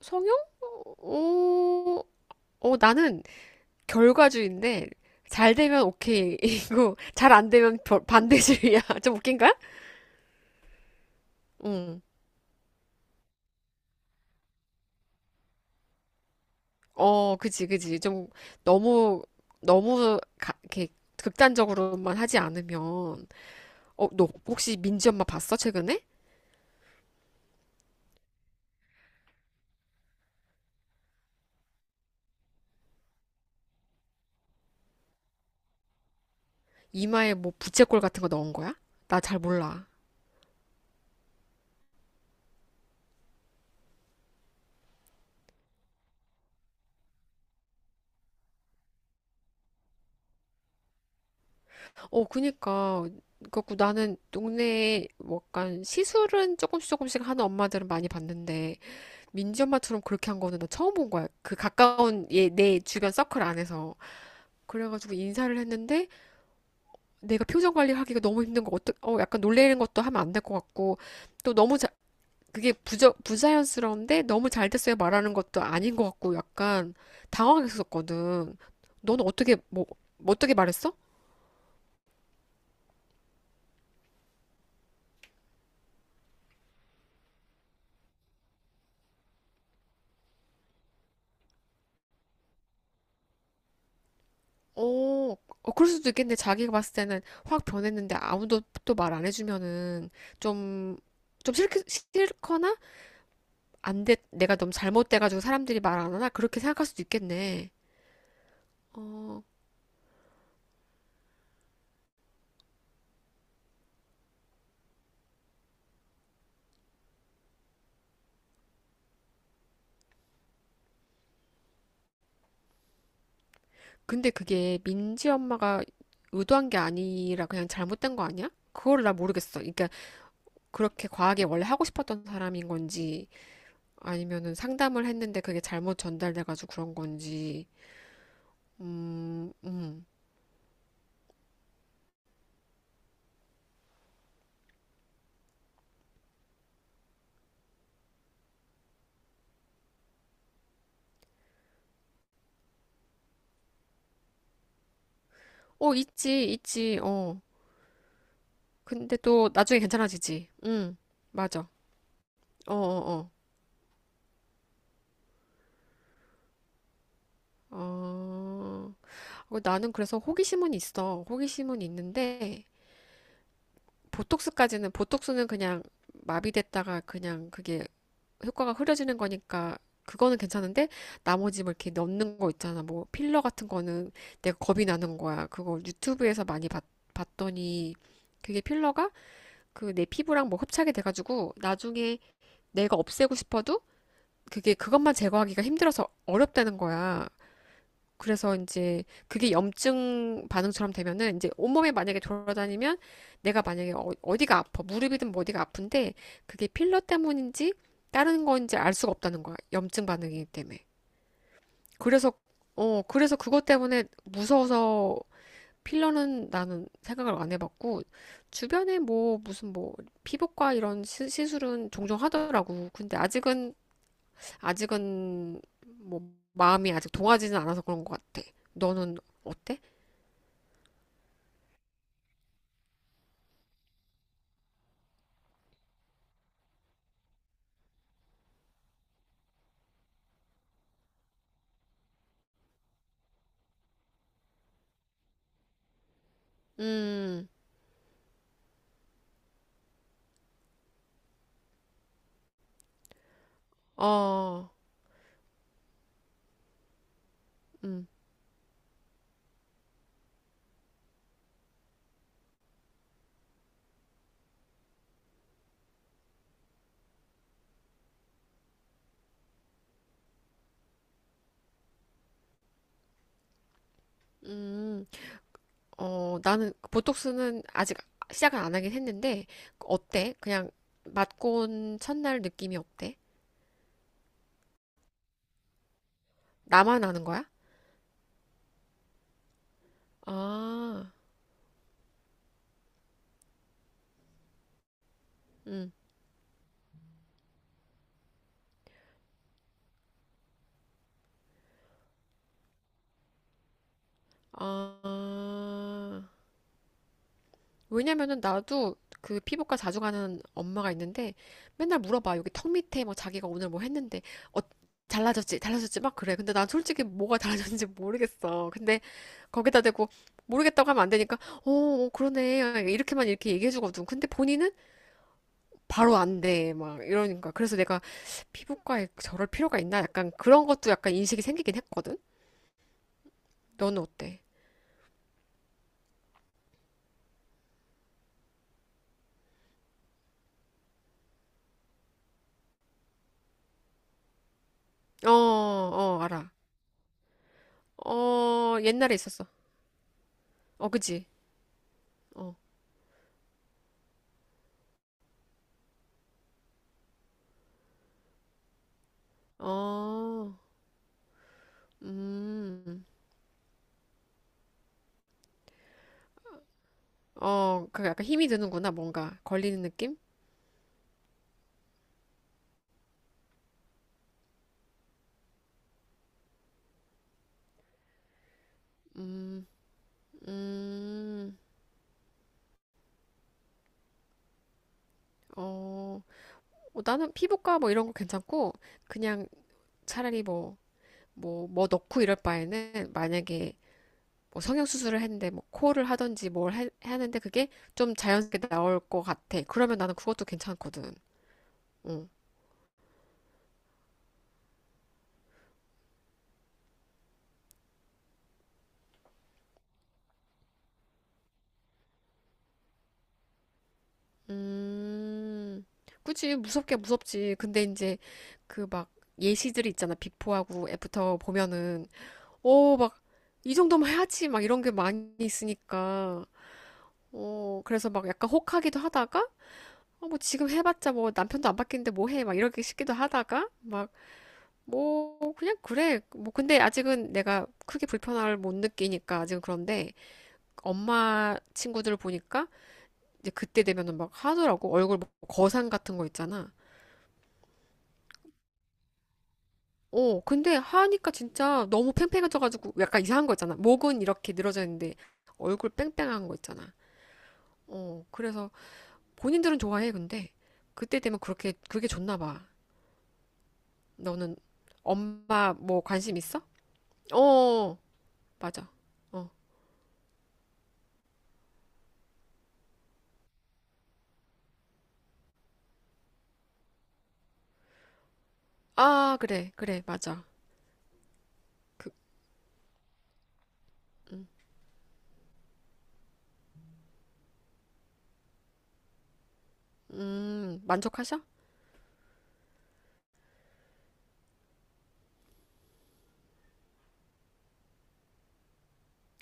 성형? 어, 나는 결과주의인데, 잘 되면 오케이이고, 잘 안 되면 반대주의야. 좀 웃긴가? 응. 어, 그지, 그지. 좀 너무, 너무, 이렇게 극단적으로만 하지 않으면, 너 혹시 민지 엄마 봤어? 최근에? 이마에 뭐 부채꼴 같은 거 넣은 거야? 나 잘 몰라. 어, 그니까. 그래갖고 나는 동네에 뭐 약간 시술은 조금씩 조금씩 하는 엄마들은 많이 봤는데, 민지 엄마처럼 그렇게 한 거는 나 처음 본 거야. 그 가까운 얘, 내 주변 서클 안에서. 그래가지고 인사를 했는데 내가 표정 관리하기가 너무 힘든 거 약간 놀래는 것도 하면 안 될 것 같고, 또 그게 부자연스러운데 너무 잘 됐어요 말하는 것도 아닌 것 같고 약간 당황했었거든. 너는 어떻게 뭐 어떻게 말했어? 어, 어, 그럴 수도 있겠네. 자기가 봤을 때는 확 변했는데 아무도 또 말 안 해주면은 좀, 좀 싫거나, 안 돼, 내가 너무 잘못돼가지고 사람들이 말 안 하나? 그렇게 생각할 수도 있겠네. 어, 근데 그게 민지 엄마가 의도한 게 아니라 그냥 잘못된 거 아니야? 그걸 나 모르겠어. 그러니까 그렇게 과하게 원래 하고 싶었던 사람인 건지, 아니면은 상담을 했는데 그게 잘못 전달돼가지고 그런 건지. 음, 음. 어, 있지, 있지. 어. 근데 또 나중에 괜찮아지지. 응, 맞아. 어, 어, 어. 어, 어, 나는 그래서 호기심은 있어. 호기심은 있는데, 보톡스까지는, 보톡스는 그냥 마비됐다가 그냥 그게 효과가 흐려지는 거니까, 그거는 괜찮은데, 나머지 뭐 이렇게 넣는 거 있잖아. 뭐 필러 같은 거는 내가 겁이 나는 거야. 그걸 유튜브에서 많이 봤더니, 그게 필러가 그 내 피부랑 뭐 흡착이 돼가지고, 나중에 내가 없애고 싶어도 그게, 그것만 제거하기가 힘들어서 어렵다는 거야. 그래서 이제 그게 염증 반응처럼 되면은 이제 온몸에 만약에 돌아다니면, 내가 만약에 어디가 아파, 무릎이든 뭐 어디가 아픈데, 그게 필러 때문인지 다른 건지 알 수가 없다는 거야. 염증 반응이기 때문에. 그래서 그래서 그것 때문에 무서워서, 필러는 나는 생각을 안 해봤고, 주변에 뭐 무슨 뭐 피부과 이런 시술은 종종 하더라고. 근데 아직은 뭐 마음이 아직 동하지는 않아서 그런 것 같아. 너는 어때? 음, 어, 음, 음, 어, 나는 보톡스는 아직 시작을 안 하긴 했는데, 어때? 그냥 맞고 온 첫날 느낌이 어때? 나만 아는 거야? 아, 음, 아, 왜냐면은 나도 그 피부과 자주 가는 엄마가 있는데, 맨날 물어봐. 여기 턱 밑에 뭐 자기가 오늘 뭐 했는데 어 잘라졌지? 잘라졌지? 막 그래. 근데 난 솔직히 뭐가 달라졌는지 모르겠어. 근데 거기다 대고 모르겠다고 하면 안 되니까, 어, 어, 그러네. 이렇게만 이렇게 얘기해 주거든. 근데 본인은 바로 안 돼. 막 이러니까. 그래서 내가, 피부과에 저럴 필요가 있나? 약간 그런 것도 약간 인식이 생기긴 했거든. 너는 어때? 어, 어, 알아. 어, 옛날에 있었어. 어, 그지? 어. 어, 음, 어, 그 약간 힘이 드는구나, 뭔가. 걸리는 느낌? 음, 음, 어, 어, 나는 피부과 뭐 이런 거 괜찮고, 그냥 차라리 뭐 넣고 이럴 바에는, 만약에 뭐 성형수술을 했는데, 뭐 코를 하든지 하는데, 그게 좀 자연스럽게 나올 것 같아. 그러면 나는 그것도 괜찮거든. 어. 음, 그치, 무섭게 무섭지. 근데 이제 그 막 예시들이 있잖아. 비포하고 애프터 보면은, 어, 막, 이정도만 해야지. 막 이런 게 많이 있으니까. 어, 그래서 막 약간 혹하기도 하다가, 어, 뭐 지금 해봤자 뭐 남편도 안 바뀌는데 뭐 해. 막 이렇게 싶기도 하다가, 막, 뭐, 그냥 그래. 뭐, 근데 아직은 내가 크게 불편함을 못 느끼니까 아직은 그런데, 엄마 친구들 을 보니까, 이제 그때 되면은 막 하더라고. 얼굴 뭐 거상 같은 거 있잖아. 어, 근데 하니까 진짜 너무 팽팽해져가지고 약간 이상한 거 있잖아. 목은 이렇게 늘어져 있는데 얼굴 뺑뺑한 거 있잖아. 어, 그래서 본인들은 좋아해, 근데. 그때 되면 그렇게, 그게 좋나 봐. 너는 엄마 뭐 관심 있어? 어, 맞아. 어. 아, 그래, 그래, 맞아. 만족하셔?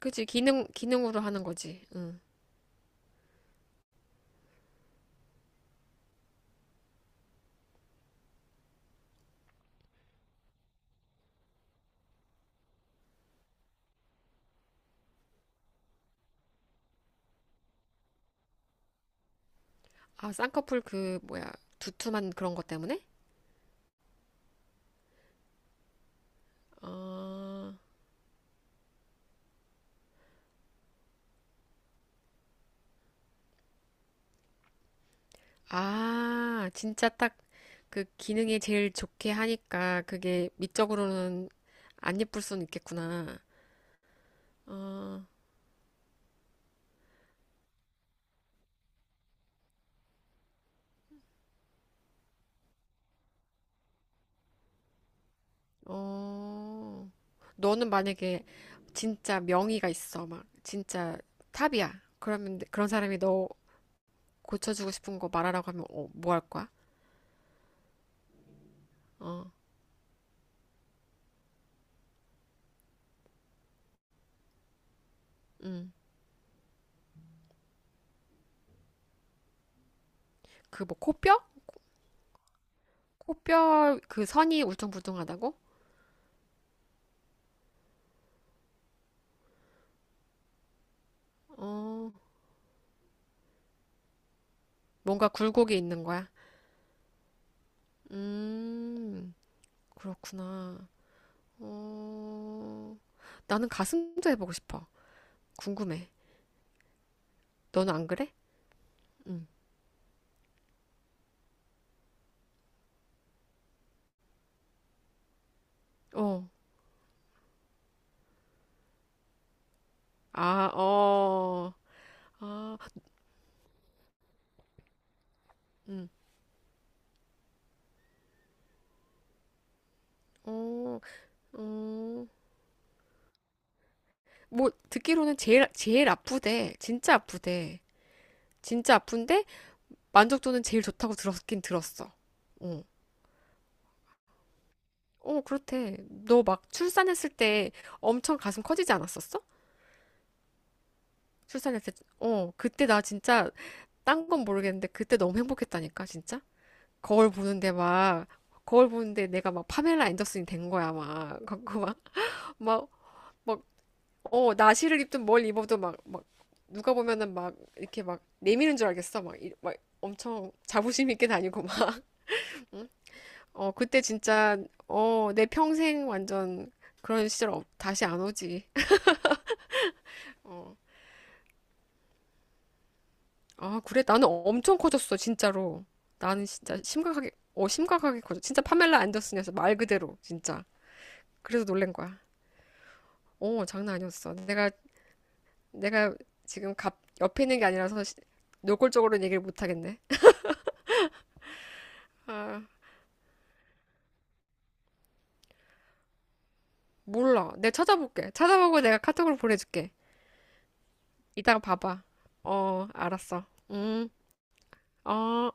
그치, 기능으로 하는 거지. 응. 아, 쌍꺼풀 그, 뭐야, 두툼한 그런 것 때문에? 어, 아, 진짜 딱 그 기능에 제일 좋게 하니까 그게 미적으로는 안 예쁠 수는 있겠구나. 어, 어, 너는 만약에 진짜 명의가 있어. 막, 진짜 탑이야. 그러면 그런 사람이 너 고쳐주고 싶은 거 말하라고 하면, 어, 뭐 할 거야? 어, 음. 그 뭐 코뼈? 코뼈 그 선이 울퉁불퉁하다고? 어, 뭔가 굴곡이 있는 거야. 음. 그렇구나. 어, 나는 가슴도 해보고 싶어. 궁금해. 너는 안 그래? 응. 어. 아, 어. 아, 응. 어, 어. 뭐, 듣기로는 제일, 제일 아프대. 진짜 아프대. 진짜 아픈데, 만족도는 제일 좋다고 들었긴 들었어. 어. 어, 그렇대. 너 막 출산했을 때 엄청 가슴 커지지 않았었어? 출산했을 때, 어, 그때 나 진짜, 딴 건 모르겠는데, 그때 너무 행복했다니까, 진짜? 거울 보는데 막 거울 보는데 내가 막 파멜라 앤더슨이 된 거야, 막 그거 막막막어, 나시를 입든 뭘 입어도 막 막, 누가 보면은 막 이렇게 막 내미는 줄 알겠어. 막, 막 엄청 자부심 있게 다니고 막. 응? 어 그때 진짜, 어 내 평생 완전 그런 시절 다시 안 오지. 어, 아, 그래. 나는 엄청 커졌어 진짜로. 나는 진짜 심각하게 커져. 진짜 파멜라 앤더슨이었어, 말 그대로 진짜. 그래서 놀란 거야. 오, 장난 아니었어. 내가 지금 옆에 있는 게 아니라서 노골적으로는 얘기를 못 하겠네. 아, 몰라. 내가 찾아볼게. 찾아보고 내가 카톡으로 보내줄게. 이따가 봐봐. 어, 알았어. 음, 어.